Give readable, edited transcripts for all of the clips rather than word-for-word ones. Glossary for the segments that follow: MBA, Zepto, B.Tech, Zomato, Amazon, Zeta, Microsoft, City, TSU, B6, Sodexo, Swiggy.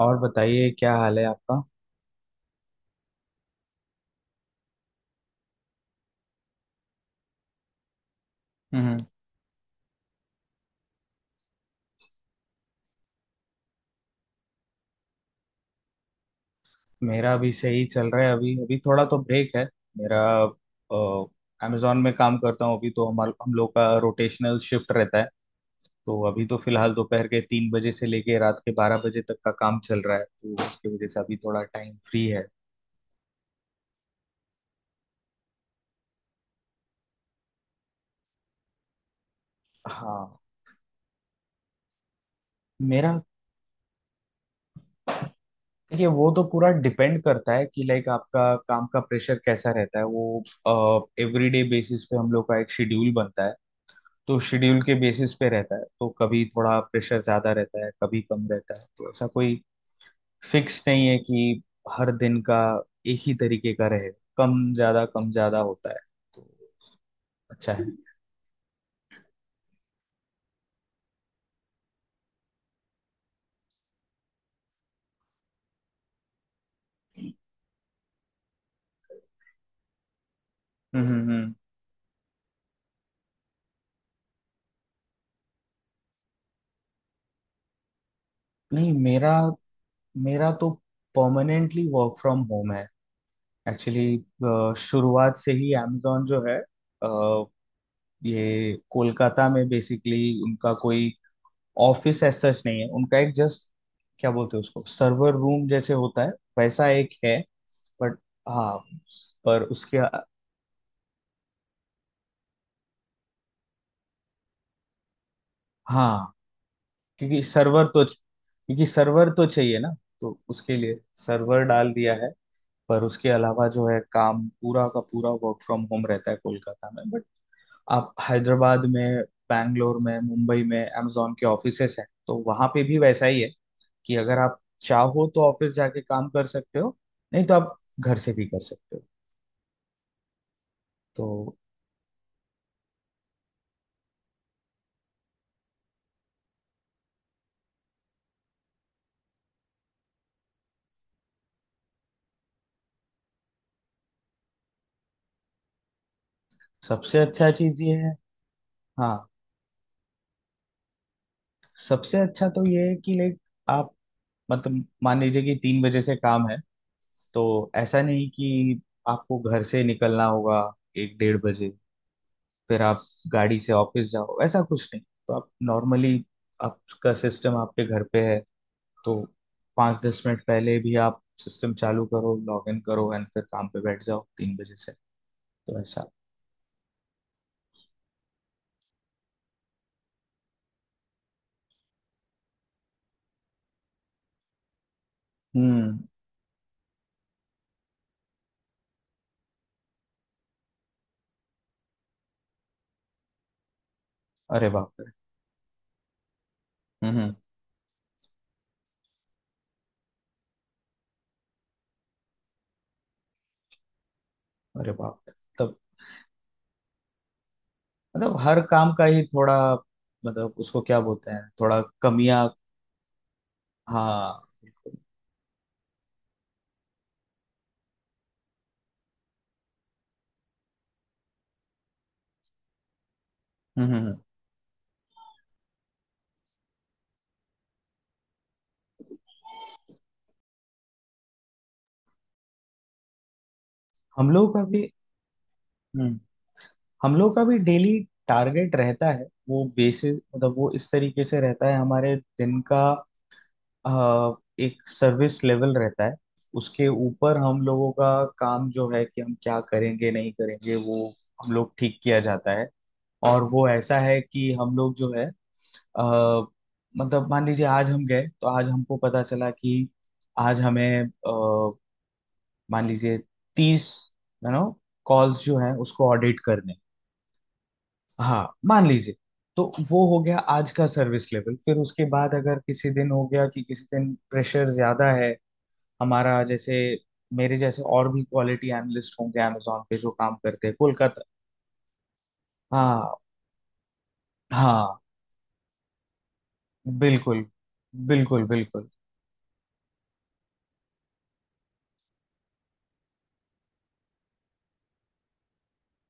और बताइए क्या हाल है आपका। हम्म। मेरा भी सही चल रहा है अभी अभी थोड़ा तो ब्रेक है मेरा। अमेजोन में काम करता हूँ अभी तो हमार हम लोग का रोटेशनल शिफ्ट रहता है। तो अभी तो फिलहाल दोपहर के 3 बजे से लेके रात के 12 बजे तक का काम चल रहा है, तो उसकी वजह से अभी थोड़ा टाइम फ्री है। हाँ। मेरा, देखिए वो तो पूरा डिपेंड करता है कि लाइक आपका काम का प्रेशर कैसा रहता है। वो एवरीडे बेसिस पे हम लोग का एक शेड्यूल बनता है, तो शेड्यूल के बेसिस पे रहता है। तो कभी थोड़ा प्रेशर ज्यादा रहता है कभी कम रहता है, तो ऐसा कोई फिक्स नहीं है कि हर दिन का एक ही तरीके का रहे। कम ज्यादा होता है, तो अच्छा है। हम्म हम्म हम्म। नहीं मेरा मेरा तो परमानेंटली वर्क फ्रॉम होम है, एक्चुअली। शुरुआत से ही amazon जो है, अ, ये कोलकाता में बेसिकली उनका कोई ऑफिस एज सच नहीं है। उनका एक जस्ट क्या बोलते हैं उसको, सर्वर रूम जैसे होता है, वैसा एक है। बट हाँ, पर उसके, हाँ क्योंकि सर्वर तो चाहिए ना। तो उसके लिए सर्वर डाल दिया है। पर उसके अलावा जो है काम पूरा का पूरा वर्क फ्रॉम होम रहता है कोलकाता में। बट आप हैदराबाद में, बैंगलोर में, मुंबई में amazon के ऑफिसेस हैं तो वहां पे भी वैसा ही है कि अगर आप चाहो तो ऑफिस जाके काम कर सकते हो, नहीं तो आप घर से भी कर सकते हो। तो सबसे अच्छा चीज ये है। हाँ, सबसे अच्छा तो ये है कि लाइक आप, मतलब मान लीजिए कि 3 बजे से काम है, तो ऐसा नहीं कि आपको घर से निकलना होगा 1 डेढ़ बजे, फिर आप गाड़ी से ऑफिस जाओ। ऐसा कुछ नहीं, तो आप नॉर्मली, आपका सिस्टम आपके घर पे है, तो 5 10 मिनट पहले भी आप सिस्टम चालू करो, लॉग इन करो एंड फिर काम पे बैठ जाओ 3 बजे से। तो ऐसा। हम्म। अरे बाप रे। हम्म। अरे बाप रे, तब मतलब हर काम का ही थोड़ा, मतलब उसको क्या बोलते हैं, थोड़ा कमियां, हाँ बिल्कुल। हम्म हम्म हम्म। हम लोग का भी। हम्म। हम लोग का भी डेली टारगेट रहता है। वो बेसिस मतलब वो इस तरीके से रहता है हमारे दिन का, अ, एक सर्विस लेवल रहता है। उसके ऊपर हम लोगों का काम जो है कि हम क्या करेंगे नहीं करेंगे वो हम लोग ठीक किया जाता है। और वो ऐसा है कि हम लोग जो है, अ, मतलब मान लीजिए आज हम गए तो आज हमको पता चला कि आज हमें, मान लीजिए 30 यू नो कॉल्स जो हैं उसको ऑडिट करने हैं। हाँ मान लीजिए। तो वो हो गया आज का सर्विस लेवल। फिर उसके बाद अगर किसी दिन हो गया कि किसी दिन प्रेशर ज्यादा है हमारा, जैसे मेरे जैसे और भी क्वालिटी एनालिस्ट होंगे amazon पे जो काम करते हैं कोलकाता। हाँ। हाँ बिल्कुल, बिल्कुल बिल्कुल।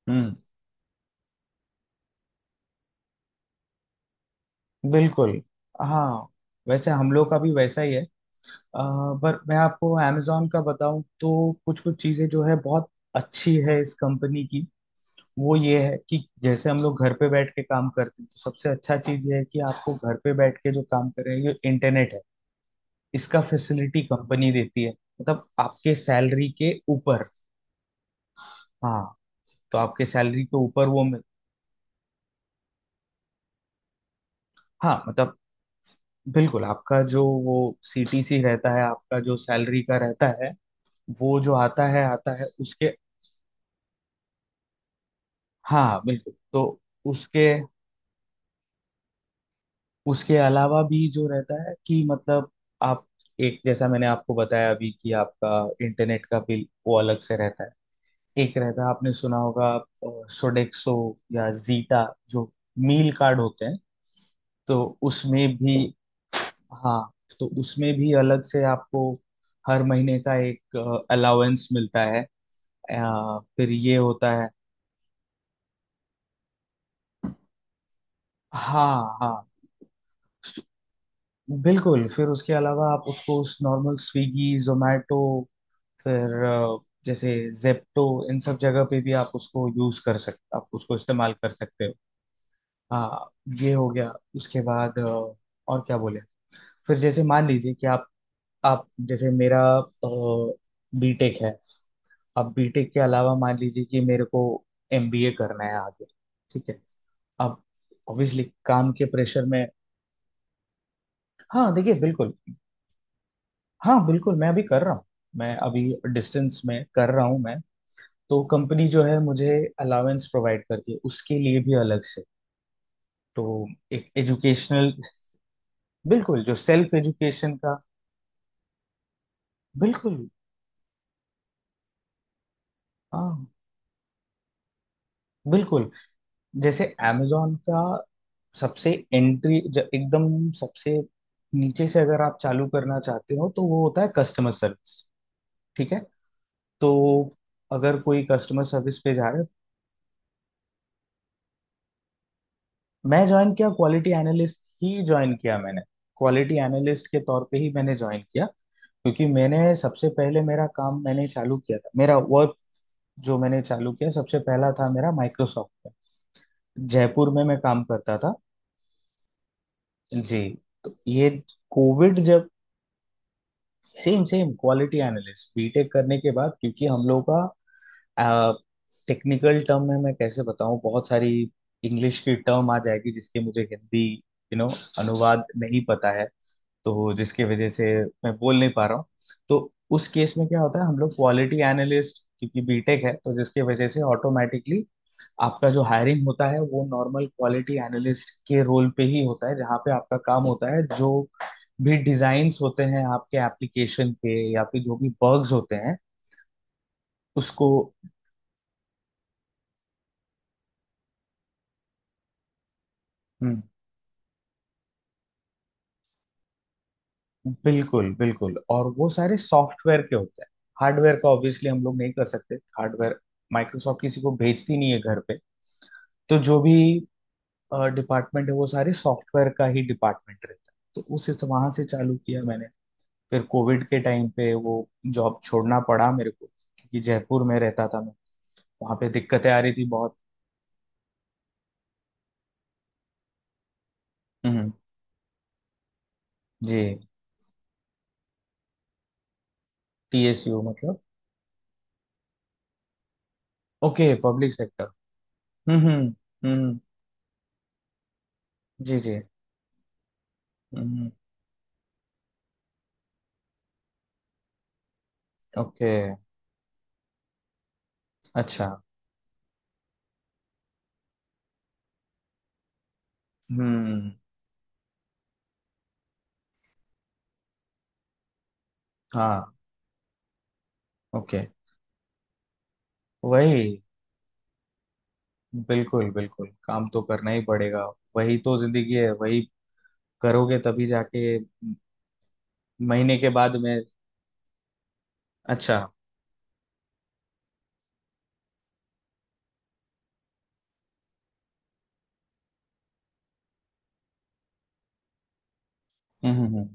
हम्म। बिल्कुल। हाँ वैसे हम लोग का भी वैसा ही है। आ, पर मैं आपको amazon का बताऊं तो कुछ कुछ चीजें जो है बहुत अच्छी है इस कंपनी की। वो ये है कि जैसे हम लोग घर पे बैठ के काम करते हैं, तो सबसे अच्छा चीज ये है कि आपको घर पे बैठ के जो काम कर रहे हैं ये इंटरनेट है, इसका फैसिलिटी कंपनी देती है, मतलब आपके सैलरी के ऊपर। हाँ, तो आपके सैलरी के ऊपर वो मिल, हाँ मतलब बिल्कुल। आपका जो वो सीटीसी रहता है आपका जो सैलरी का रहता है, वो जो आता है उसके, हाँ बिल्कुल। तो उसके उसके अलावा भी जो रहता है कि मतलब आप, एक जैसा मैंने आपको बताया अभी कि आपका इंटरनेट का बिल वो अलग से रहता है। एक रहता है आपने सुना होगा, सोडेक्सो या जीटा, जो मील कार्ड होते हैं, तो उसमें भी, हाँ तो उसमें भी अलग से आपको हर महीने का एक अलाउंस मिलता है। फिर ये होता है, हाँ हाँ बिल्कुल। फिर उसके अलावा आप उसको उस नॉर्मल स्विगी जोमेटो, फिर जैसे जेप्टो, इन सब जगह पे भी आप उसको यूज कर सकते, आप उसको इस्तेमाल कर सकते हो। हाँ। ये हो गया, उसके बाद और क्या बोले, फिर जैसे मान लीजिए कि आप जैसे मेरा बीटेक है। अब बीटेक के अलावा मान लीजिए कि मेरे को एमबीए करना है आगे, ठीक है। अब ऑब्वियसली काम के प्रेशर में, हाँ देखिए बिल्कुल, हाँ बिल्कुल मैं अभी कर रहा हूँ। मैं अभी डिस्टेंस में कर रहा हूँ मैं। तो कंपनी जो है मुझे अलाउंस प्रोवाइड करती है उसके लिए भी अलग से। तो एक एजुकेशनल, बिल्कुल, जो सेल्फ एजुकेशन का, बिल्कुल हाँ बिल्कुल। जैसे amazon का सबसे एंट्री एकदम सबसे नीचे से अगर आप चालू करना चाहते हो तो वो होता है कस्टमर सर्विस, ठीक है। तो अगर कोई कस्टमर सर्विस पे जा रहा है, मैं ज्वाइन किया क्वालिटी एनालिस्ट ही ज्वाइन किया मैंने। क्वालिटी एनालिस्ट के तौर पे ही मैंने ज्वाइन किया, क्योंकि मैंने सबसे पहले मेरा काम मैंने चालू किया था मेरा वर्क। जो मैंने चालू किया सबसे पहला था मेरा माइक्रोसॉफ्ट में, जयपुर में मैं काम करता था। जी। तो ये कोविड जब, same same quality analyst BTech करने के बाद, क्योंकि हम लोग का टेक्निकल टर्म में मैं कैसे बताऊं, बहुत सारी इंग्लिश की टर्म आ जाएगी जिसके मुझे हिंदी यू नो अनुवाद नहीं पता है, तो जिसकी वजह से मैं बोल नहीं पा रहा हूँ। तो उस केस में क्या होता है, हम लोग क्वालिटी एनालिस्ट, क्योंकि बीटेक है तो जिसकी वजह से ऑटोमेटिकली आपका जो हायरिंग होता है वो नॉर्मल क्वालिटी एनालिस्ट के रोल पे ही होता है, जहाँ पे आपका काम होता है जो भी डिजाइन्स होते हैं आपके एप्लीकेशन के या फिर जो भी बग्स होते हैं उसको। हम्म। बिल्कुल बिल्कुल, और वो सारे सॉफ्टवेयर के होते हैं। हार्डवेयर का ऑब्वियसली हम लोग नहीं कर सकते। हार्डवेयर माइक्रोसॉफ्ट किसी को भेजती नहीं है घर पे। तो जो भी डिपार्टमेंट है वो सारे सॉफ्टवेयर का ही डिपार्टमेंट रहता है। तो उस वहां से चालू किया मैंने। फिर कोविड के टाइम पे वो जॉब छोड़ना पड़ा मेरे को, क्योंकि जयपुर में रहता था मैं, वहां पे दिक्कतें आ रही थी बहुत। हम्म। जी। टीएसयू मतलब? Okay, public sector. हम्म हम्म हम्म। जी जी। हम्म। ओके। अच्छा। हम्म। हाँ। ओके। वही, बिल्कुल बिल्कुल, काम तो करना ही पड़ेगा। वही तो जिंदगी है, वही करोगे तभी जाके महीने के बाद में। अच्छा। हम्म।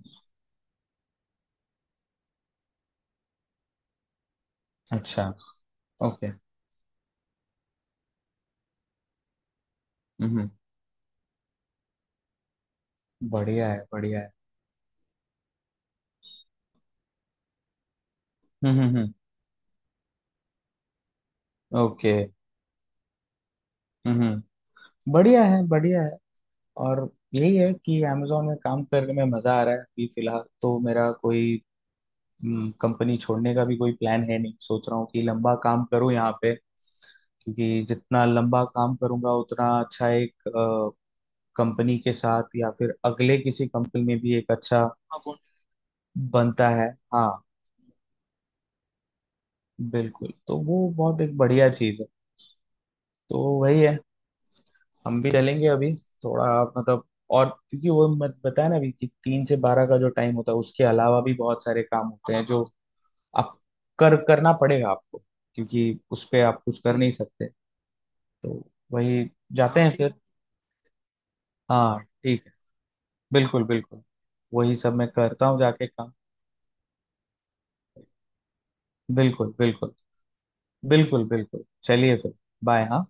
अच्छा। ओके। हम्म। बढ़िया है बढ़िया है। हम्म। ओके। हम्म। बढ़िया है बढ़िया है। और यही है कि अमेजोन में काम करने में मजा आ रहा है अभी फिलहाल, तो मेरा कोई, कंपनी छोड़ने का भी कोई प्लान है नहीं। सोच रहा हूँ कि लंबा काम करूँ यहाँ पे, क्योंकि जितना लंबा काम करूंगा उतना अच्छा एक कंपनी के साथ या फिर अगले किसी कंपनी में भी एक अच्छा बनता है। हाँ बिल्कुल, तो वो बहुत एक बढ़िया चीज है। तो वही है, हम भी चलेंगे अभी थोड़ा, मतलब, और क्योंकि वो मत बताया ना अभी कि 3 से 12 का जो टाइम होता है उसके अलावा भी बहुत सारे काम होते हैं जो आप कर, करना पड़ेगा आपको, क्योंकि उस पे आप कुछ कर नहीं सकते। तो वही, जाते हैं फिर। हाँ ठीक है, बिल्कुल बिल्कुल। वही सब मैं करता हूँ, जाके काम। बिल्कुल बिल्कुल, बिल्कुल बिल्कुल, चलिए फिर। बाय हाँ।